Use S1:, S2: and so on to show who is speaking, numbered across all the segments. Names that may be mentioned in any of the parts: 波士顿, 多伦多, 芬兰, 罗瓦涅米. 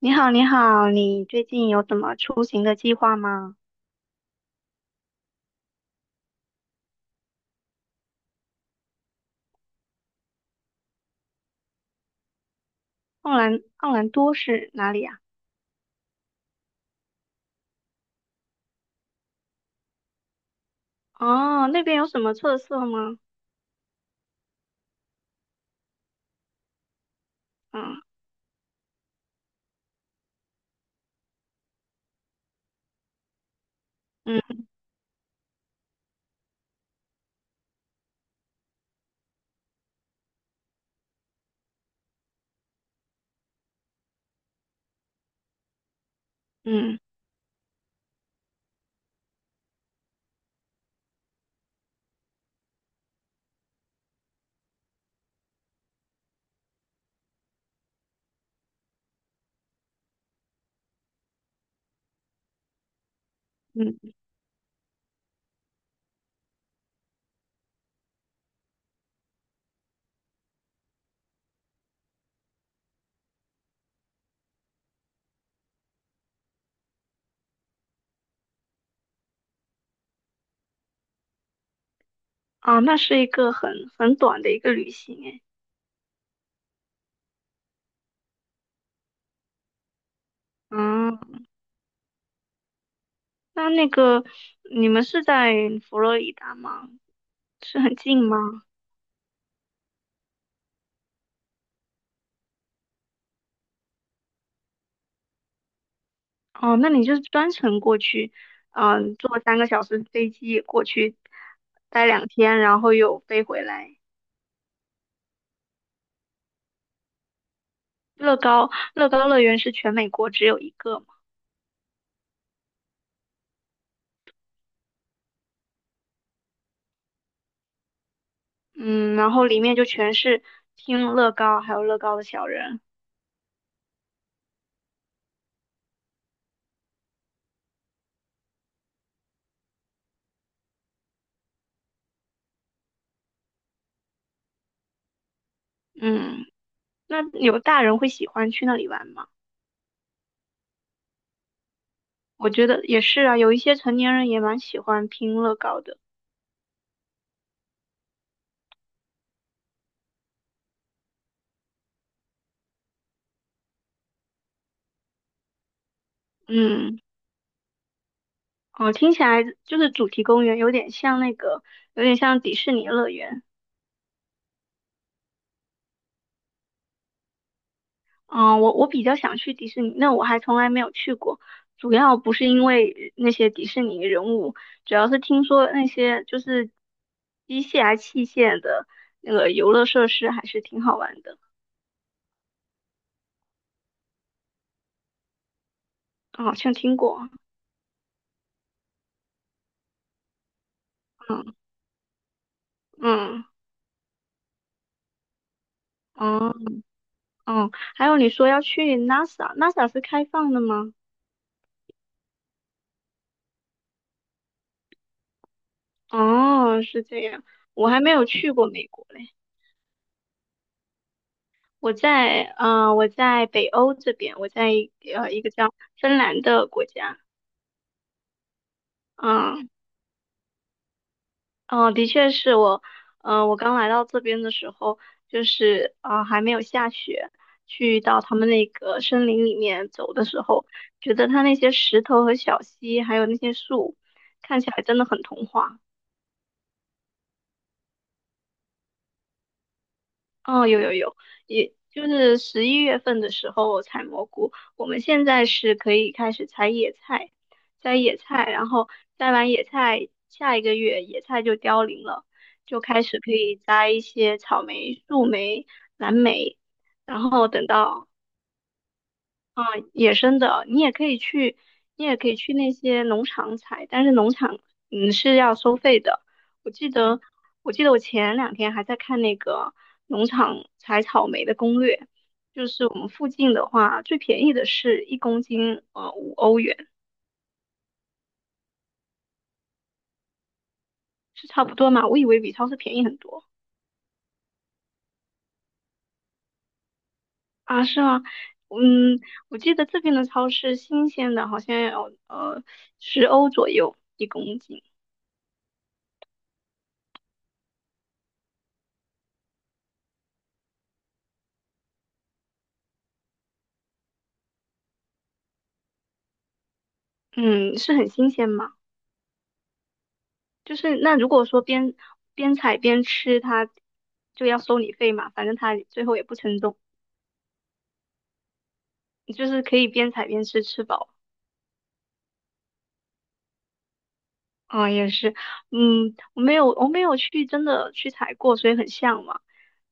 S1: 你好，你好，你最近有什么出行的计划吗？奥兰多是哪里呀？哦，那边有什么特色吗？嗯。嗯。嗯。嗯。啊，那是一个很短的一个旅行诶。嗯，那个你们是在佛罗里达吗？是很近吗？哦，那你就是专程过去。嗯，坐3个小时飞机过去，待两天，然后又飞回来。乐高乐高乐园是全美国只有一个？嗯，然后里面就全是听乐高还有乐高的小人。嗯，那有大人会喜欢去那里玩吗？我觉得也是啊，有一些成年人也蛮喜欢拼乐高的。嗯。哦，听起来就是主题公园有点像那个，有点像迪士尼乐园。嗯，我比较想去迪士尼，那我还从来没有去过。主要不是因为那些迪士尼人物，主要是听说那些就是机械啊器械的那个游乐设施还是挺好玩的。嗯，好像听过。嗯。嗯。嗯。嗯。还有你说要去 NASA，NASA 是开放的吗？哦，是这样。我还没有去过美国嘞。我在北欧这边，我在一个叫芬兰的国家。嗯。嗯，的确是。我刚来到这边的时候，就是啊、还没有下雪，去到他们那个森林里面走的时候，觉得它那些石头和小溪，还有那些树，看起来真的很童话。哦，有，有，有，也就是11月份的时候采蘑菇，我们现在是可以开始采野菜，摘野菜，然后摘完野菜，下一个月野菜就凋零了，就开始可以摘一些草莓、树莓、蓝莓，然后等到野生的，你也可以去。你也可以去那些农场采，但是农场是要收费的。我记得，我前两天还在看那个农场采草莓的攻略，就是我们附近的话，最便宜的是一公斤5欧元。是差不多嘛？我以为比超市便宜很多。啊，是吗？嗯，我记得这边的超市新鲜的好像要10欧左右一公斤。嗯，是很新鲜吗？就是那如果说边采边吃，它就要收你费嘛，反正它最后也不称重，你就是可以边采边吃，吃饱。啊、也是。嗯，我没有去真的去采过，所以很向往。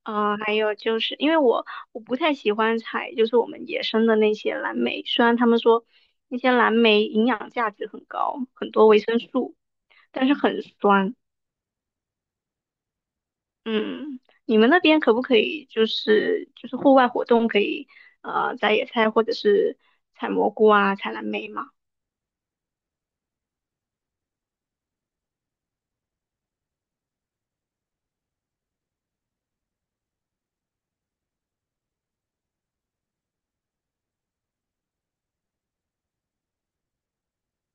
S1: 啊、还有就是因为我不太喜欢采，就是我们野生的那些蓝莓，虽然他们说那些蓝莓营养价值很高，很多维生素，但是很酸。嗯，你们那边可不可以就是户外活动可以摘野菜或者是采蘑菇啊、采蓝莓吗？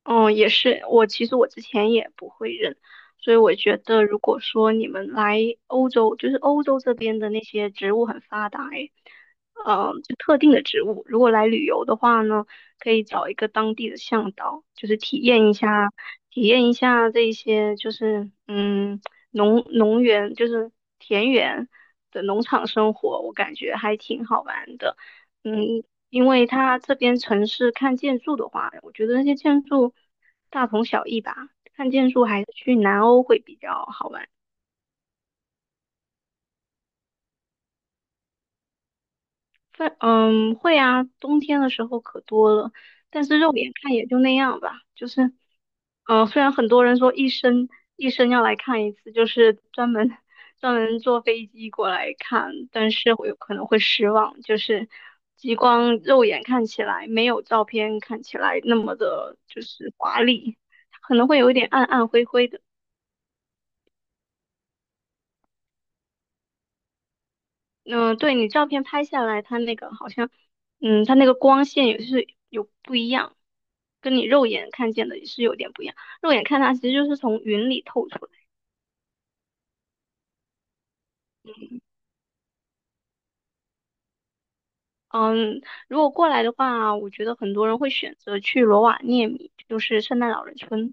S1: 哦，也是。我其实之前也不会认，所以我觉得如果说你们来欧洲，就是欧洲这边的那些植物很发达，诶。就特定的植物，如果来旅游的话呢，可以找一个当地的向导，就是体验一下，体验一下这一些就是农园，就是田园的农场生活，我感觉还挺好玩的。嗯，因为它这边城市看建筑的话，我觉得那些建筑大同小异吧，看建筑还是去南欧会比较好玩。非嗯会啊，冬天的时候可多了，但是肉眼看也就那样吧。就是，嗯、虽然很多人说一生要来看一次，就是专门坐飞机过来看，但是我有可能会失望，就是极光肉眼看起来没有照片看起来那么的，就是华丽，它可能会有一点暗暗灰灰的。嗯，对你照片拍下来，它那个好像，嗯，它那个光线也是有不一样，跟你肉眼看见的也是有点不一样。肉眼看它其实就是从云里透出来。嗯，如果过来的话，我觉得很多人会选择去罗瓦涅米，就是圣诞老人村。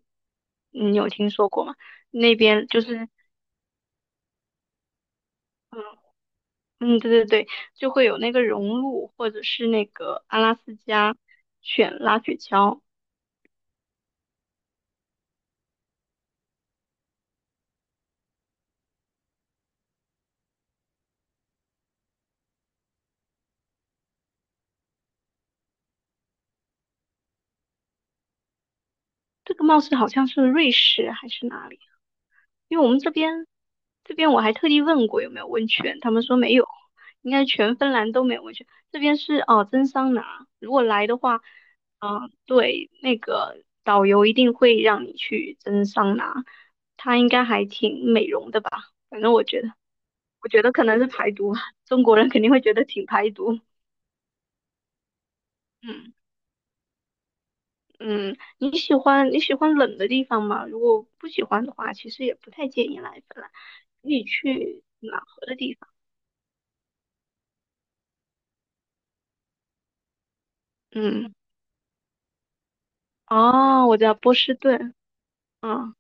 S1: 嗯，你有听说过吗？那边就是。嗯。嗯，对，对，对，就会有那个融鹿，或者是那个阿拉斯加犬拉雪橇。这个貌似好像是瑞士还是哪里？因为我们这边我还特地问过有没有温泉，他们说没有，应该全芬兰都没有温泉。这边是蒸桑拿，如果来的话，嗯、对，那个导游一定会让你去蒸桑拿。它应该还挺美容的吧？反正我觉得，可能是排毒吧，中国人肯定会觉得挺排毒。嗯。嗯，你喜欢冷的地方吗？如果不喜欢的话，其实也不太建议来芬兰，你去暖和的地方。嗯。哦，我知道波士顿。嗯。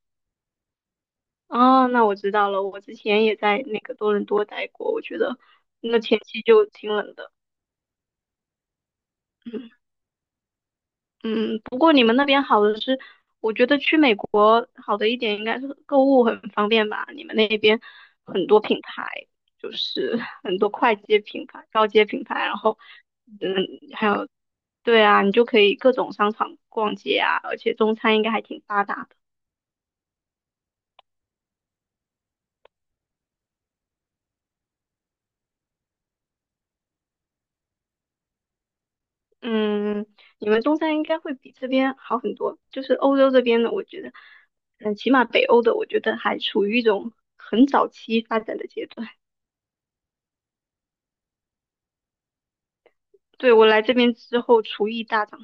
S1: 哦，那我知道了。我之前也在那个多伦多待过，我觉得那天气就挺冷的。嗯。嗯，不过你们那边好的是，我觉得去美国好的一点应该是购物很方便吧？你们那边很多品牌，就是很多快捷品牌、高阶品牌，然后嗯，还有，对啊，你就可以各种商场逛街啊，而且中餐应该还挺发达。嗯，你们中餐应该会比这边好很多。就是欧洲这边的，我觉得，嗯，起码北欧的，我觉得还处于一种很早期发展的阶段。对，我来这边之后，厨艺大涨。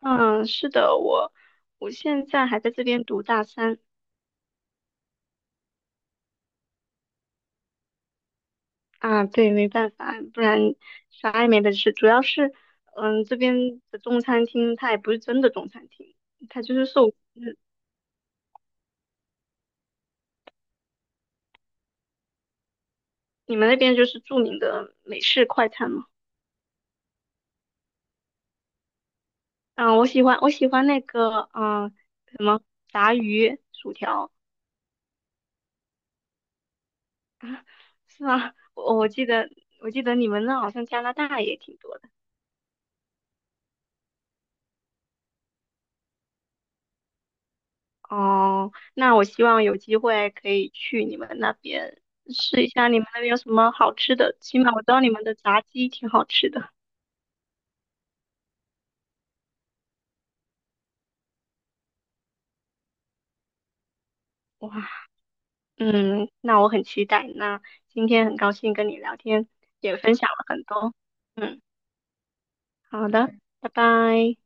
S1: 嗯，是的，我现在还在这边读大三。啊。对，没办法，不然啥也没得吃。主要是，嗯，这边的中餐厅它也不是真的中餐厅，它就是寿司。你们那边就是著名的美式快餐吗？嗯，我喜欢那个什么炸鱼薯条是吗？我我记得我记得你们那好像加拿大也挺多的哦。那我希望有机会可以去你们那边试一下，你们那边有什么好吃的？起码我知道你们的炸鸡挺好吃的。哇。嗯，那我很期待。那今天很高兴跟你聊天，也分享了很多。嗯，好的，拜拜。